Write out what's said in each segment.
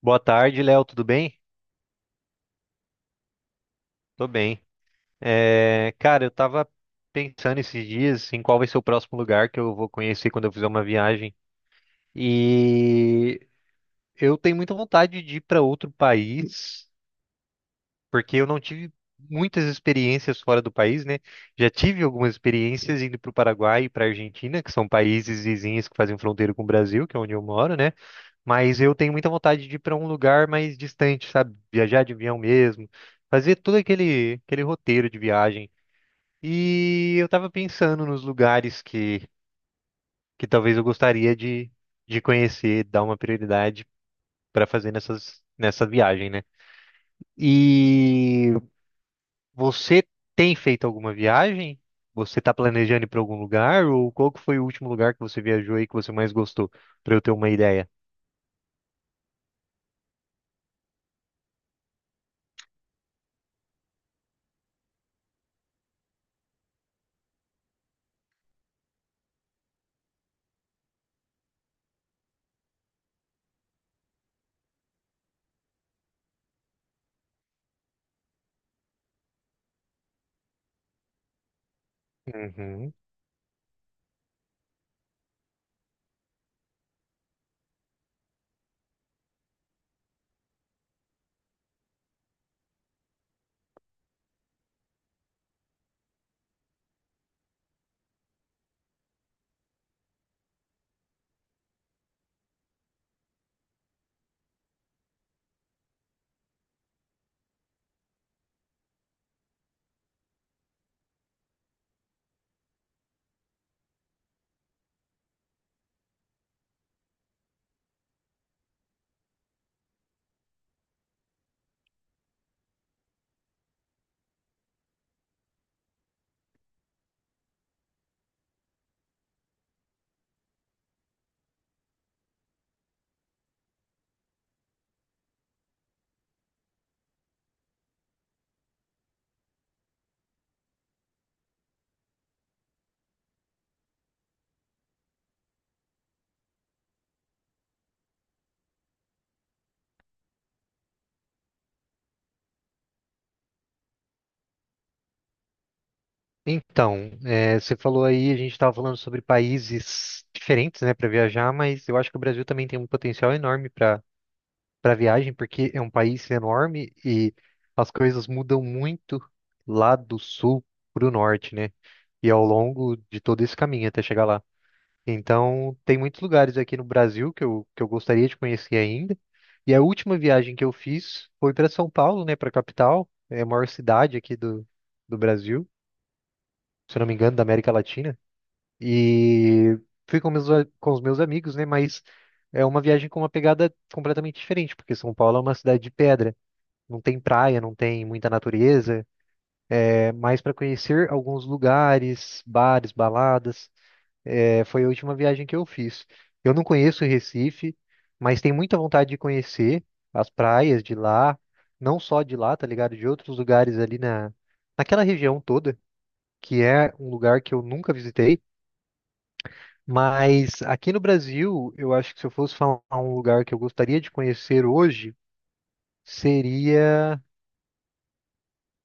Boa tarde, Léo, tudo bem? Tô bem. Eu tava pensando esses dias em qual vai ser o próximo lugar que eu vou conhecer quando eu fizer uma viagem. E eu tenho muita vontade de ir para outro país, porque eu não tive muitas experiências fora do país, né? Já tive algumas experiências indo para o Paraguai e para a Argentina, que são países vizinhos que fazem fronteira com o Brasil, que é onde eu moro, né? Mas eu tenho muita vontade de ir para um lugar mais distante, sabe? Viajar de avião mesmo, fazer todo aquele roteiro de viagem. E eu tava pensando nos lugares que talvez eu gostaria de conhecer, dar uma prioridade para fazer nessa viagem, né? E você tem feito alguma viagem? Você tá planejando ir para algum lugar? Ou qual que foi o último lugar que você viajou e que você mais gostou? Para eu ter uma ideia. Uhum. Então, você falou aí, a gente estava falando sobre países diferentes, né, para viajar, mas eu acho que o Brasil também tem um potencial enorme para viagem, porque é um país enorme e as coisas mudam muito lá do sul para o norte, né? E ao longo de todo esse caminho até chegar lá. Então, tem muitos lugares aqui no Brasil que eu gostaria de conhecer ainda. E a última viagem que eu fiz foi para São Paulo, né, para a capital, é a maior cidade aqui do Brasil, se eu não me engano, da América Latina. E fui com os meus amigos, né? Mas é uma viagem com uma pegada completamente diferente, porque São Paulo é uma cidade de pedra. Não tem praia, não tem muita natureza. É mais para conhecer alguns lugares, bares, baladas. É, foi a última viagem que eu fiz. Eu não conheço Recife, mas tenho muita vontade de conhecer as praias de lá, não só de lá, tá ligado? De outros lugares ali naquela região toda, que é um lugar que eu nunca visitei. Mas aqui no Brasil, eu acho que se eu fosse falar um lugar que eu gostaria de conhecer hoje, seria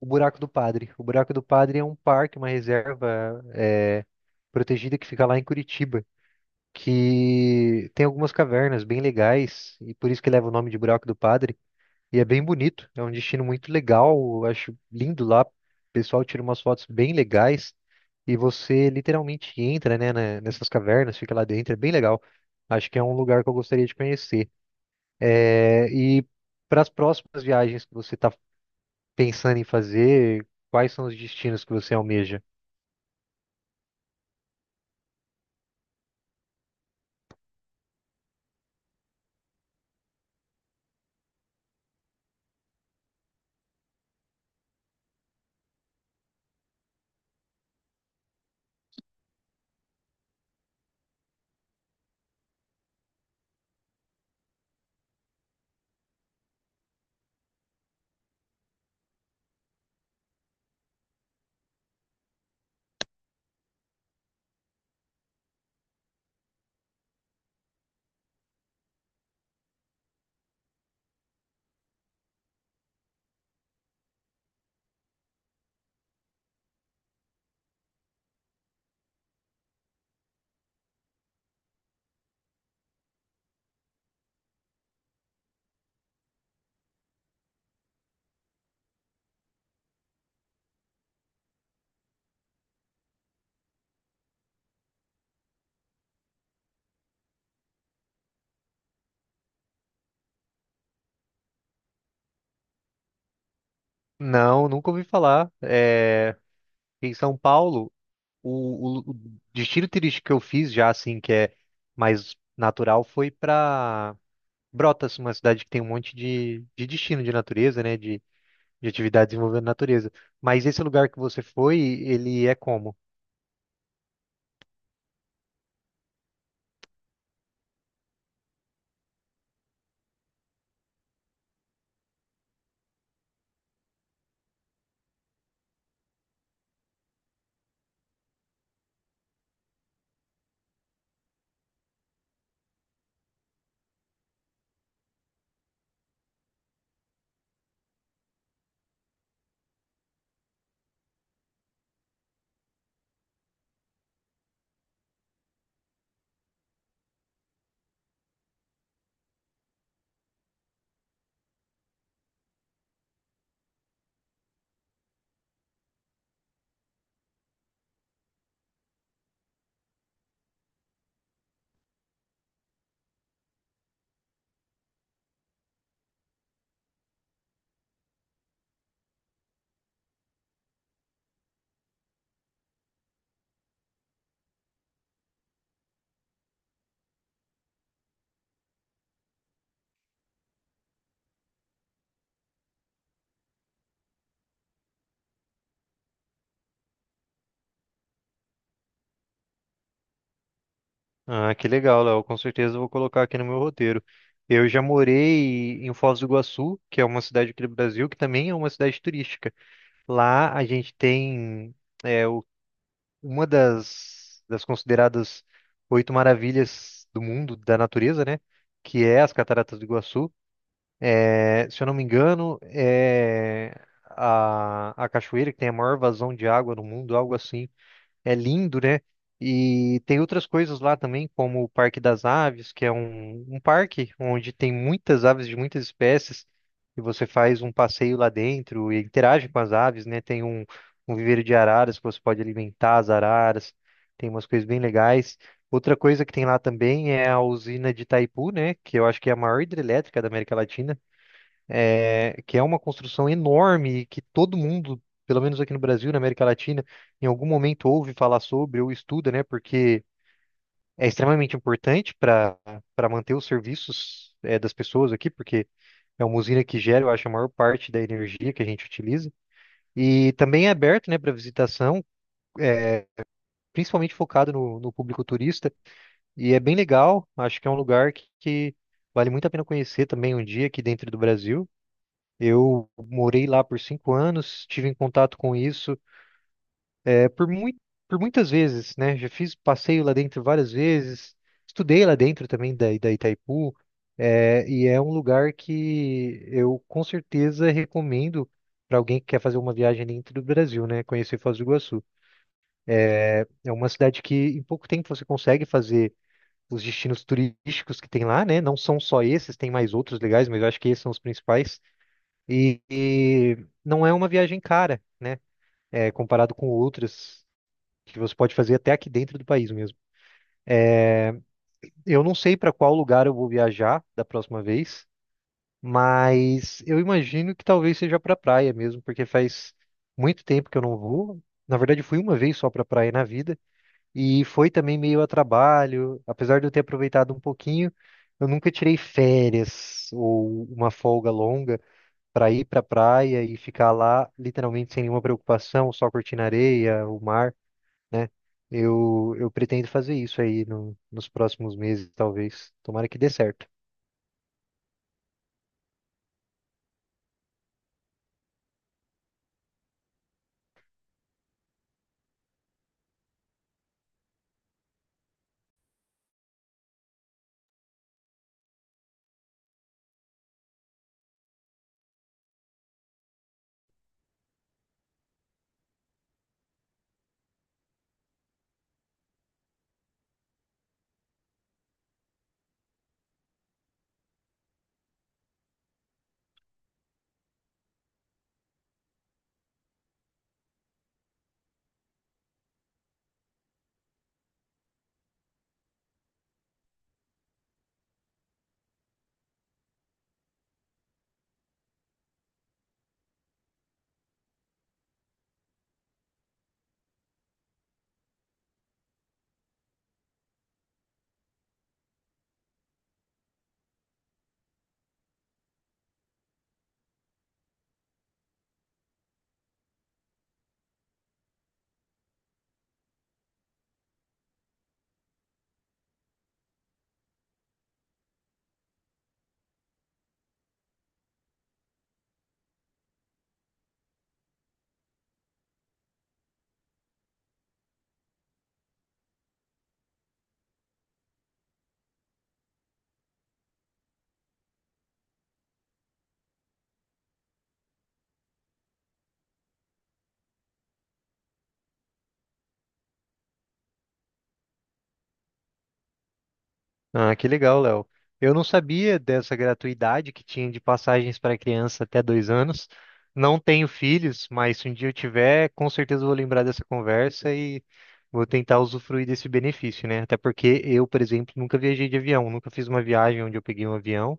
o Buraco do Padre. O Buraco do Padre é um parque, uma reserva protegida que fica lá em Curitiba, que tem algumas cavernas bem legais, e por isso que leva o nome de Buraco do Padre. E é bem bonito, é um destino muito legal, eu acho lindo lá. O pessoal tira umas fotos bem legais e você literalmente entra, né, nessas cavernas, fica lá dentro, é bem legal. Acho que é um lugar que eu gostaria de conhecer. É, e para as próximas viagens que você está pensando em fazer, quais são os destinos que você almeja? Não, nunca ouvi falar. É, em São Paulo, o destino turístico que eu fiz já, assim, que é mais natural, foi para Brotas, uma cidade que tem um monte de destino de natureza, né? De atividades envolvendo natureza. Mas esse lugar que você foi, ele é como? Ah, que legal, Léo. Com certeza eu vou colocar aqui no meu roteiro. Eu já morei em Foz do Iguaçu, que é uma cidade aqui do Brasil, que também é uma cidade turística. Lá a gente tem é, o- uma das consideradas oito maravilhas do mundo, da natureza, né? Que é as Cataratas do Iguaçu. É, se eu não me engano, é a cachoeira que tem a maior vazão de água no mundo, algo assim. É lindo, né? E tem outras coisas lá também, como o Parque das Aves, que é um parque onde tem muitas aves de muitas espécies, e você faz um passeio lá dentro e interage com as aves, né? Tem um viveiro de araras que você pode alimentar as araras, tem umas coisas bem legais. Outra coisa que tem lá também é a usina de Itaipu, né? Que eu acho que é a maior hidrelétrica da América Latina, que é uma construção enorme que todo mundo, pelo menos aqui no Brasil, na América Latina, em algum momento ouve falar sobre ou estuda, né? Porque é extremamente importante para manter os serviços das pessoas aqui, porque é uma usina que gera, eu acho, a maior parte da energia que a gente utiliza. E também é aberto, né, para visitação, é, principalmente focado no público turista. E é bem legal, acho que é um lugar que vale muito a pena conhecer também um dia aqui dentro do Brasil. Eu morei lá por 5 anos, tive em contato com isso é, por muito, por muitas vezes, né? Já fiz passeio lá dentro várias vezes, estudei lá dentro também da Itaipu, e é um lugar que eu com certeza recomendo para alguém que quer fazer uma viagem dentro do Brasil, né? Conhecer Foz do Iguaçu. É uma cidade que em pouco tempo você consegue fazer os destinos turísticos que tem lá, né? Não são só esses, tem mais outros legais, mas eu acho que esses são os principais. E não é uma viagem cara, né? Comparado com outras que você pode fazer até aqui dentro do país mesmo. Eu não sei para qual lugar eu vou viajar da próxima vez, mas eu imagino que talvez seja para praia mesmo, porque faz muito tempo que eu não vou. Na verdade, fui uma vez só para praia na vida e foi também meio a trabalho, apesar de eu ter aproveitado um pouquinho, eu nunca tirei férias ou uma folga longa. Para ir para praia e ficar lá literalmente sem nenhuma preocupação, só curtindo a areia, o mar, né? Eu pretendo fazer isso aí nos próximos meses, talvez. Tomara que dê certo. Ah, que legal, Léo. Eu não sabia dessa gratuidade que tinha de passagens para criança até 2 anos. Não tenho filhos, mas se um dia eu tiver, com certeza vou lembrar dessa conversa e vou tentar usufruir desse benefício, né? Até porque eu, por exemplo, nunca viajei de avião, nunca fiz uma viagem onde eu peguei um avião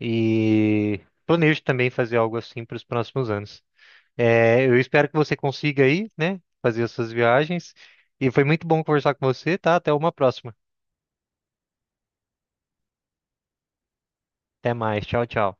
e planejo também fazer algo assim para os próximos anos. É, eu espero que você consiga aí, né? Fazer as suas viagens. E foi muito bom conversar com você, tá? Até uma próxima. Até mais. Tchau, tchau.